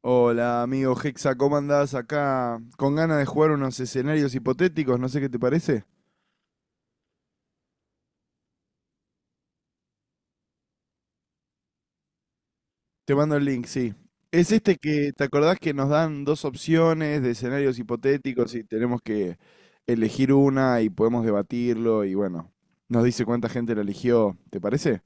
Hola, amigo Hexa, ¿cómo andás acá? Con ganas de jugar unos escenarios hipotéticos, no sé qué te parece. Te mando el link, sí. Es este que, ¿te acordás que nos dan dos opciones de escenarios hipotéticos y tenemos que elegir una y podemos debatirlo y bueno, nos dice cuánta gente la eligió, ¿te parece?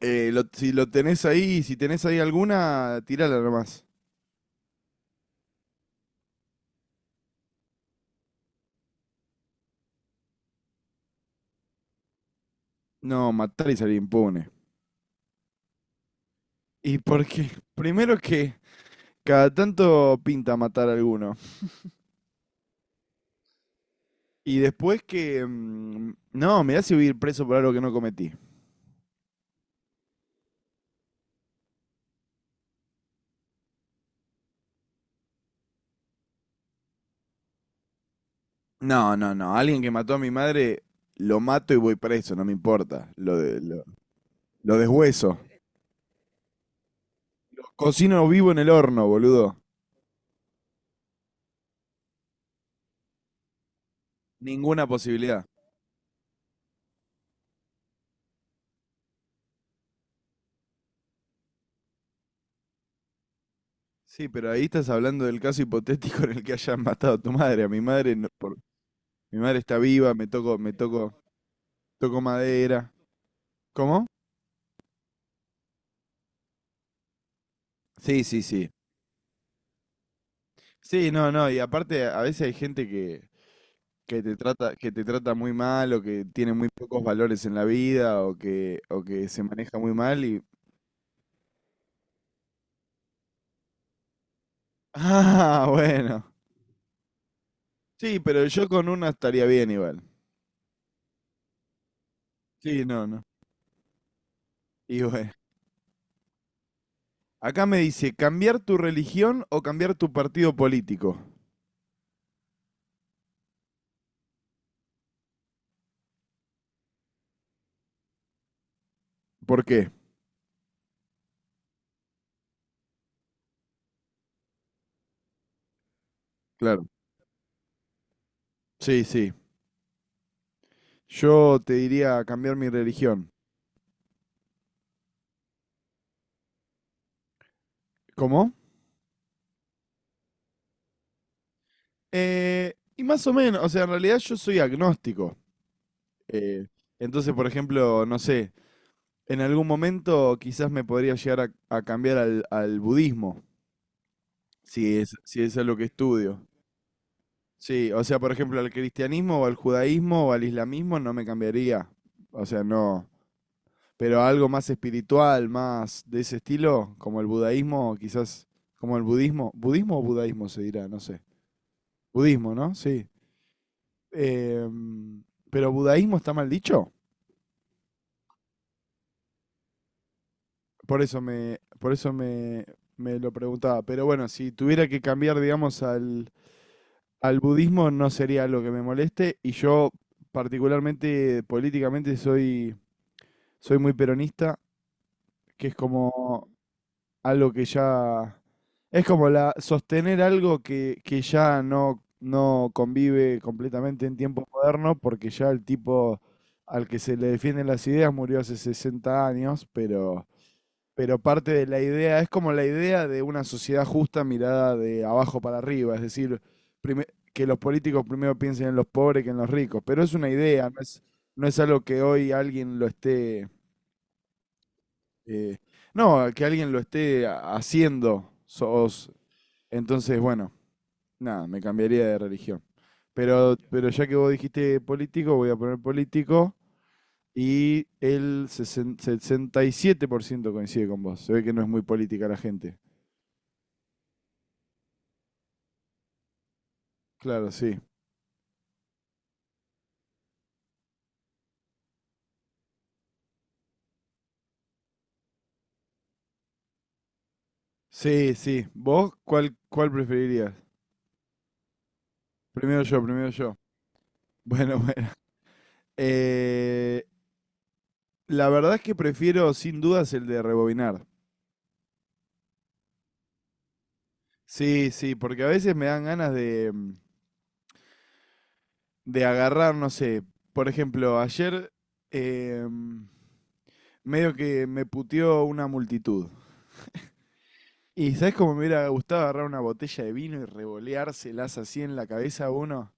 Si lo tenés ahí, si tenés ahí alguna, tirala nomás. No, matar y salir impune. Y porque, primero que cada tanto pinta matar a alguno. Y después que... no, me hace ir preso por algo que no cometí. No, no, no. Alguien que mató a mi madre, lo mato y voy preso, no me importa. Lo deshueso. Cocino vivo en el horno, boludo. Ninguna posibilidad. Sí, pero ahí estás hablando del caso hipotético en el que hayan matado a tu madre. A mi madre, mi madre está viva, me toco, toco madera. ¿Cómo? Sí, sí, sí. Sí, no, no, y aparte a veces hay gente que te trata muy mal o que tiene muy pocos valores en la vida o que se maneja muy mal y... Ah, bueno. Sí, pero yo con una estaría bien igual. Sí, no, no. Y bueno. Acá me dice, ¿cambiar tu religión o cambiar tu partido político? ¿Por qué? Claro. Sí, sí. Yo te diría cambiar mi religión. ¿Cómo? Y más o menos, o sea, en realidad yo soy agnóstico. Eh, entonces, por ejemplo, no sé, en algún momento quizás me podría llegar a cambiar al budismo, si es lo que estudio. Sí, o sea, por ejemplo, al cristianismo o al judaísmo o al islamismo no me cambiaría. O sea, no. Pero algo más espiritual, más de ese estilo, como el budaísmo, quizás, como el budismo. ¿Budismo o budaísmo se dirá? No sé. Budismo, ¿no? Sí. Em, pero budaísmo está mal dicho. Por eso me, por eso me, me lo preguntaba. Pero bueno, si tuviera que cambiar, digamos, al budismo no sería algo que me moleste y yo particularmente políticamente soy muy peronista, que es como algo que ya... Es como sostener algo que ya no convive completamente en tiempo moderno porque ya el tipo al que se le defienden las ideas murió hace 60 años, pero parte de la idea, es como la idea de una sociedad justa mirada de abajo para arriba, es decir, prime- que los políticos primero piensen en los pobres que en los ricos, pero es una idea, no es algo que hoy alguien lo esté, eh, no, que alguien lo esté haciendo. Sos, entonces, bueno, nada, me cambiaría de religión. Pero ya que vos dijiste político, voy a poner político. Y el 67% coincide con vos. Se ve que no es muy política la gente. Claro, sí. Sí, sí. ¿Vos cuál preferirías? Primero yo, primero yo. Bueno, bueno. Eh, la verdad es que prefiero sin dudas el de rebobinar. Sí, sí, porque a veces me dan ganas de, de agarrar, no sé. Por ejemplo, ayer eh, mm, medio que me puteó una multitud. Y ¿sabés cómo me hubiera gustado agarrar una botella de vino y revoleárselas así en la cabeza a uno?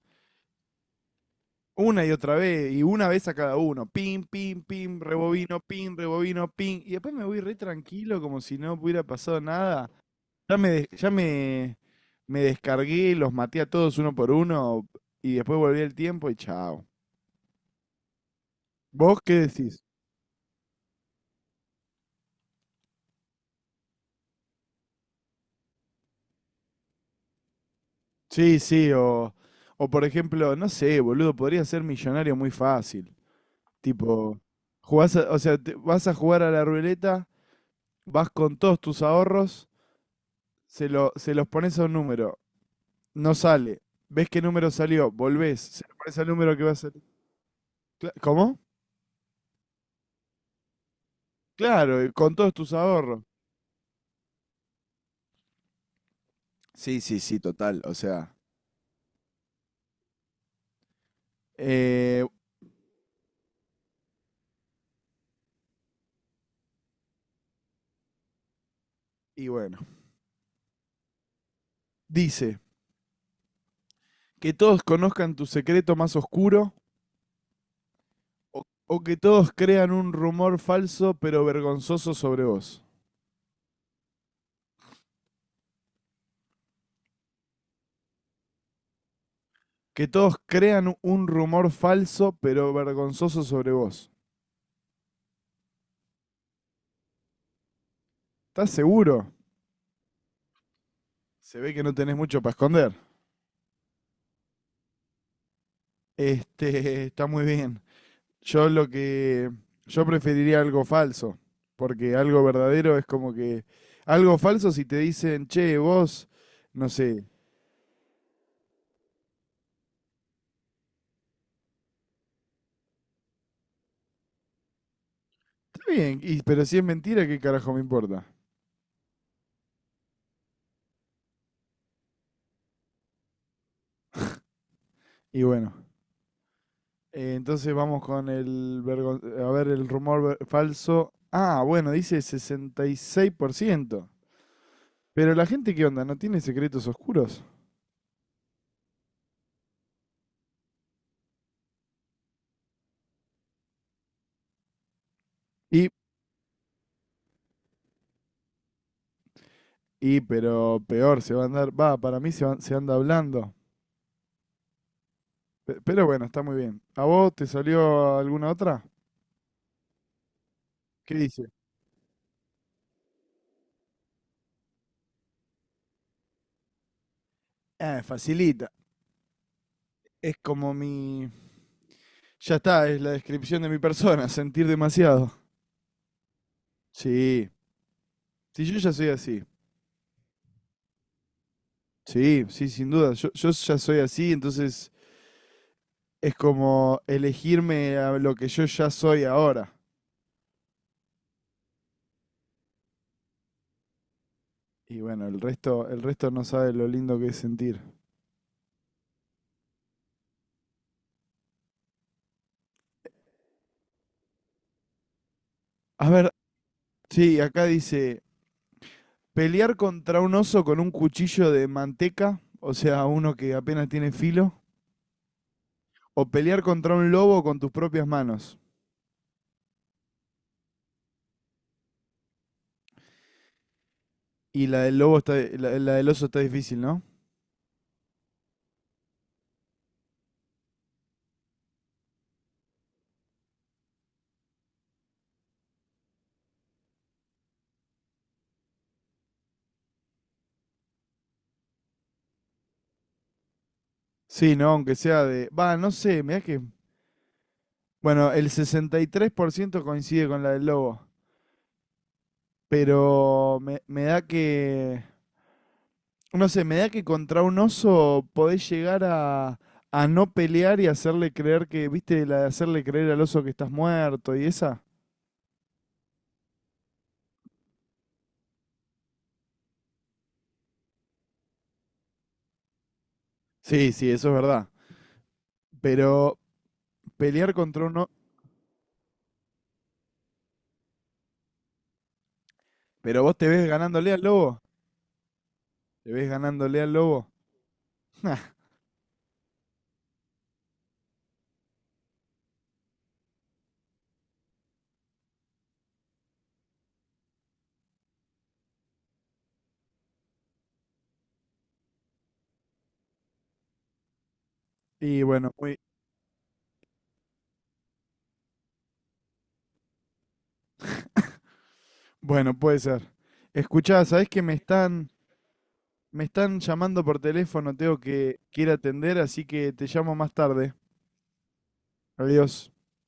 Una y otra vez, y una vez a cada uno. Pim, pim, pim, rebobino, pim, rebobino, pim. Y después me voy re tranquilo, como si no hubiera pasado nada. Ya me, des- ya me, me descargué, los maté a todos uno por uno, y después volví el tiempo y chao. ¿Vos qué decís? Sí, sí, o por ejemplo, no sé, boludo, podría ser millonario muy fácil. Tipo, o sea, vas a jugar a la ruleta, vas con todos tus ahorros, se los pones a un número. No sale. ¿Ves qué número salió? Volvés, se le parece al número que va a salir. ¿Cómo? Claro, y con todos tus ahorros. Sí, sí, sí, total. O sea, Eh, y bueno, dice, que todos conozcan tu secreto más oscuro o que todos crean un rumor falso pero vergonzoso sobre vos. Que todos crean un rumor falso pero vergonzoso sobre vos. ¿Estás seguro? Se ve que no tenés mucho para esconder. Este, está muy bien. Yo lo que. Yo preferiría algo falso. Porque algo verdadero es como que. Algo falso si te dicen, che, vos. No sé. Está bien, y, pero si es mentira, ¿qué carajo me importa? Y bueno. Entonces vamos con el. A ver, el rumor falso. Ah, bueno, dice 66%. Pero la gente, ¿qué onda? ¿No tiene secretos oscuros? Y. Y, pero peor, se va a andar. Va, para mí se anda hablando. Pero bueno, está muy bien. ¿A vos te salió alguna otra? ¿Qué dice? Ah, facilita. Es como mi... Ya está, es la descripción de mi persona, sentir demasiado. Sí, sí, yo ya soy así. Sí, sí, sin duda. Yo ya soy así, entonces es como elegirme a lo que yo ya soy ahora. Y bueno, el resto no sabe lo lindo que es sentir. A ver, sí, acá dice, pelear contra un oso con un cuchillo de manteca, o sea, uno que apenas tiene filo, o pelear contra un lobo con tus propias manos. Y la del lobo está, la del oso está difícil, ¿no? Sí, ¿no? Aunque sea de... Va, no sé, mirá que... Bueno, el 63% coincide con la del lobo, pero me da que... No sé, me da que contra un oso podés llegar a no pelear y hacerle creer que, viste, la de hacerle creer al oso que estás muerto y esa. Sí, sí, eso es verdad. Pero pelear contra un oso... Pero vos te ves ganándole al lobo. ¿Te ves ganándole al lobo? Y bueno, muy, bueno, puede ser. Escuchá, sabés que me están llamando por teléfono, tengo que ir a atender, así que te llamo más tarde. Adiós.